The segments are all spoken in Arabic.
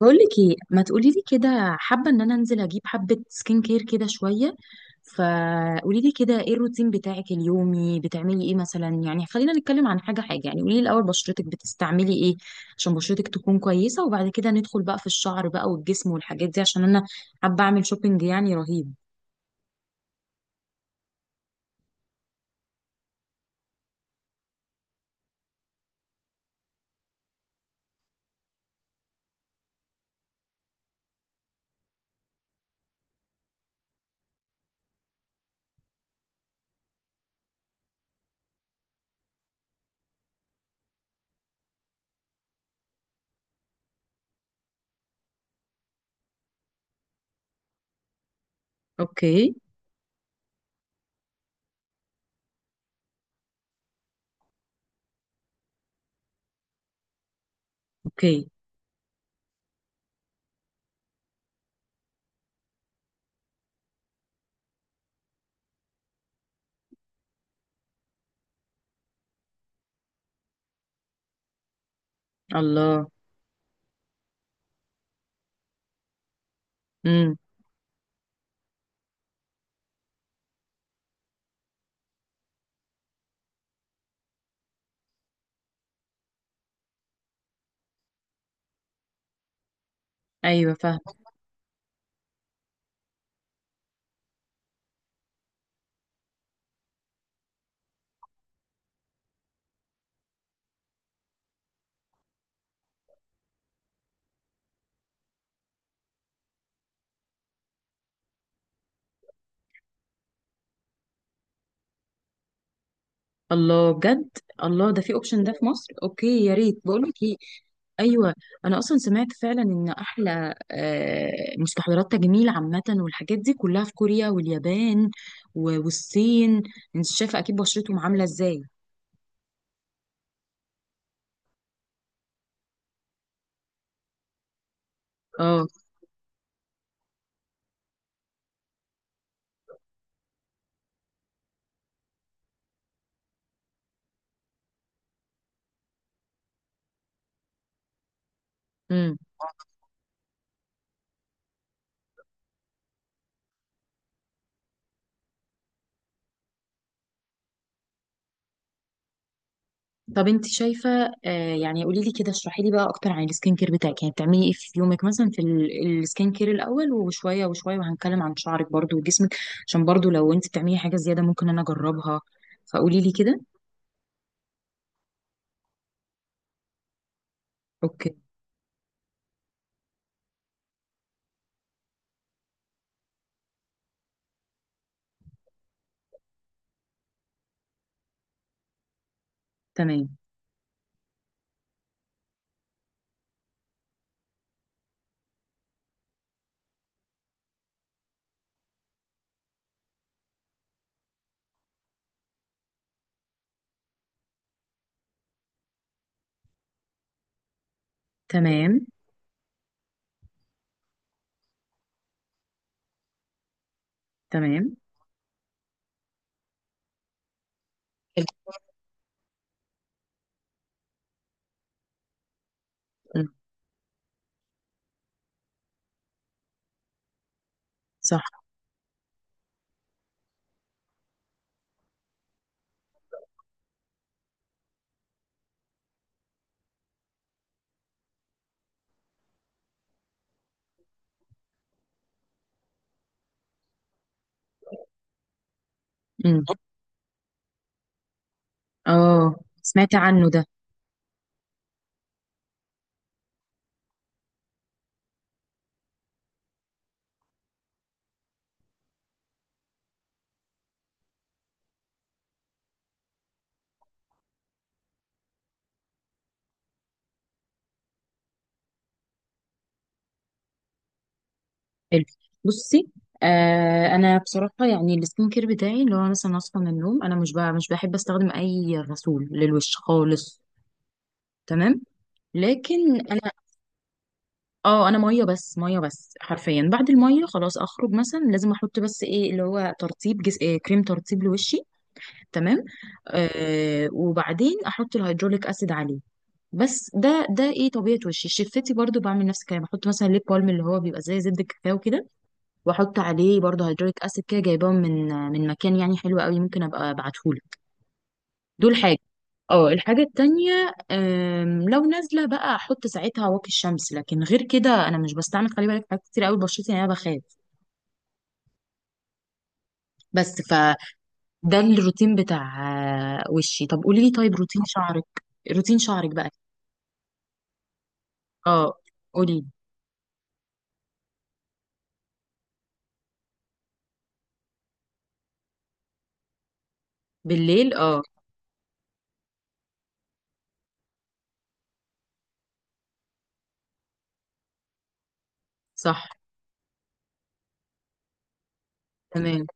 بقولك ايه، ما تقولي لي كده. حابه ان انا انزل اجيب حبه سكين كير كده شويه. فقولي لي كده، ايه الروتين بتاعك اليومي؟ بتعملي ايه مثلا؟ يعني خلينا نتكلم عن حاجه حاجه، يعني قولي لي الاول، بشرتك بتستعملي ايه؟ عشان بشرتك تكون كويسه، وبعد كده ندخل بقى في الشعر بقى والجسم والحاجات دي، عشان انا حابه اعمل شوبينج يعني رهيب. اوكي، اوكي. الله. امم. ايوه. الله، بجد. الله، ده في اوبشن؟ ده في مصر؟ اوكي، يا ريت. بقول لك ايه؟ ايوه. انا اصلا سمعت فعلا ان احلى مستحضرات تجميل عامه والحاجات دي كلها في كوريا واليابان والصين. انت شايفه اكيد بشرتهم عامله ازاي؟ اه. امم. طب انت شايفه. يعني قولي لي كده، اشرحي لي بقى اكتر عن السكين كير بتاعك، يعني بتعملي ايه في يومك مثلا؟ في السكين كير الاول، وشويه وشويه، وهنتكلم عن شعرك برضو وجسمك. عشان برضو لو انت بتعملي حاجه زياده ممكن انا اجربها، فقولي لي كده. اوكي. تمام، تمام، تمام. حلو. مم. صح. امم. اه، سمعت عنه ده. حلو. بصي، انا بصراحه يعني السكين كير بتاعي اللي هو مثلا اصحى من النوم، انا مش بحب استخدم اي غسول للوش خالص. تمام. لكن انا ميه بس، ميه بس حرفيا. بعد الميه خلاص، اخرج مثلا لازم احط بس ايه اللي هو ترطيب إيه، كريم ترطيب لوشي. تمام. وبعدين احط الهيدروليك اسيد عليه. بس ده ايه طبيعه وشي، شفتي؟ برضو بعمل نفس الكلام، بحط مثلا ليب بالم اللي هو بيبقى زي زبده الكاكاو كده، واحط عليه برضو هيدروليك اسيد. كده جايباهم من مكان يعني حلو قوي، ممكن ابقى ابعتهولك. دول حاجه. اه، الحاجه التانية لو نازله بقى احط ساعتها واقي الشمس، لكن غير كده انا مش بستعمل، خلي بالك حاجات كتير قوي، بشرتي يعني انا بخاف بس. فده الروتين بتاع وشي. طب قولي لي، طيب روتين شعرك. روتين شعرك بقى. اه، قولي لي. بالليل، اه. صح. تمام.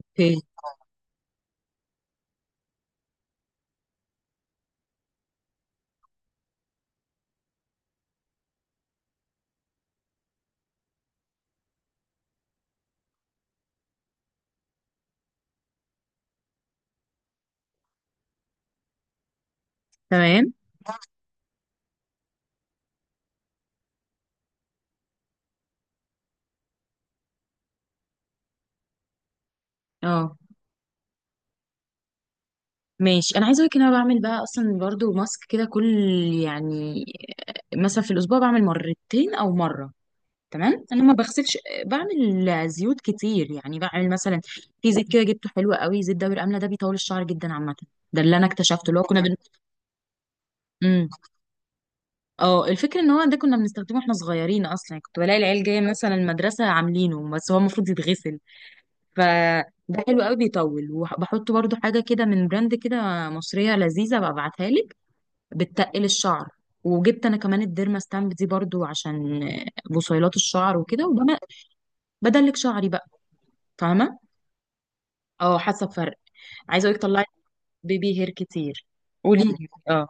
اوكي. تمام. اه. ماشي، انا عايزه اقولك ان انا بعمل بقى اصلا برضو ماسك كده كل، يعني مثلا في الاسبوع بعمل مرتين او مره. تمام، انا ما بغسلش. بعمل زيوت كتير، يعني بعمل مثلا. في زيت كده جبته حلو قوي، زيت دوري الامله ده بيطول الشعر جدا عامه. ده اللي انا اكتشفته اللي هو كنا. مم. اه، الفكره ان هو ده كنا بنستخدمه واحنا صغيرين اصلا، يعني كنت بلاقي العيال جايه مثلا المدرسه عاملينه، بس هو المفروض يتغسل. ف ده حلو قوي بيطول. وبحط برضو حاجه كده من براند كده مصريه لذيذه ببعتها لك، بتتقل الشعر. وجبت انا كمان الديرما ستامب دي برضو عشان بصيلات الشعر وكده، وبدلك شعري بقى، فاهمه؟ اه، حاسه بفرق. عايزه اقولك طلعت بيبي هير كتير. قولي لي، اه.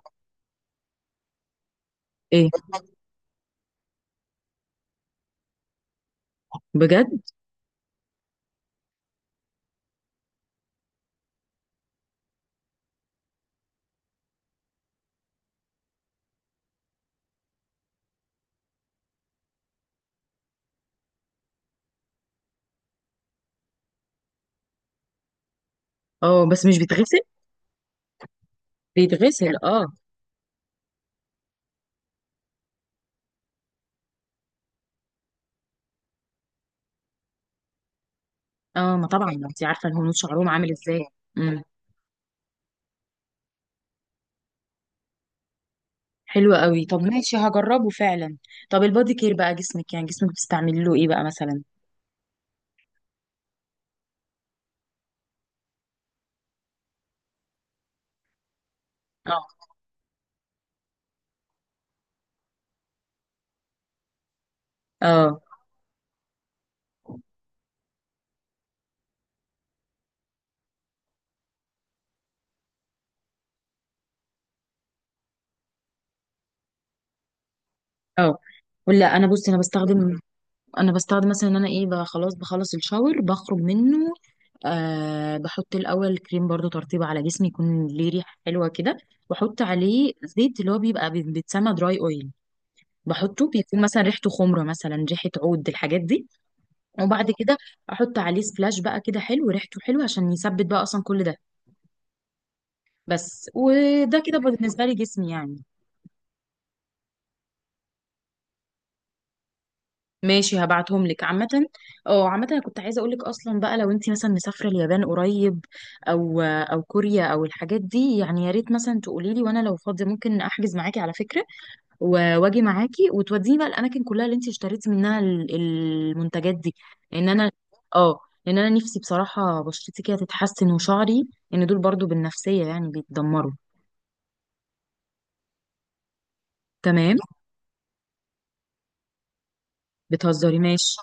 ايه؟ بجد؟ اه، بس مش بيتغسل؟ بيتغسل، اه. اه، ما طبعا انت عارفه الهنود شعرهم عامل ازاي. امم. حلو قوي. طب ماشي، هجربه فعلا. طب البادي كير بقى، جسمك يعني، جسمك بتستعملي له ايه بقى مثلا؟ اه، اه، اه. ولا انا، بصي انا بستخدم مثلا ان انا ايه بقى، خلاص بخلص الشاور بخرج منه. بحط الاول كريم برضو ترطيب على جسمي يكون ليه ريحه حلوه كده. واحط عليه زيت اللي هو بيبقى بيتسمى دراي اويل. بحطه بيكون مثلا ريحته خمره، مثلا ريحه عود، الحاجات دي. وبعد كده احط عليه سبلاش بقى كده حلو ريحته حلوه عشان يثبت بقى اصلا كل ده بس. وده كده بالنسبه لي جسمي يعني. ماشي، هبعتهم لك عامة. اه عامة، انا كنت عايزة اقول لك اصلا بقى لو انت مثلا مسافرة اليابان قريب، او كوريا او الحاجات دي يعني، يا ريت مثلا تقولي لي، وانا لو فاضية ممكن احجز معاكي على فكرة، واجي معاكي، وتوديني بقى الاماكن كلها اللي انت اشتريتي منها المنتجات دي. لان انا اه لان انا نفسي بصراحة بشرتي كده تتحسن وشعري، ان دول برضو بالنفسية يعني بيتدمروا. تمام. بتهزري؟ ماشي.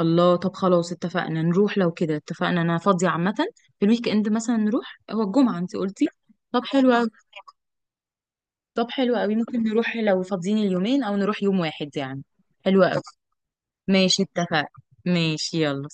الله، طب خلاص اتفقنا، نروح لو كده اتفقنا. انا فاضية عامة في الويك اند، مثلا نروح. هو الجمعة انت قلتي؟ طب حلو أوي. طب حلو أوي، ممكن نروح لو فاضيين اليومين او نروح يوم واحد يعني. حلو أوي. ماشي، اتفقنا. ماشي، يلا.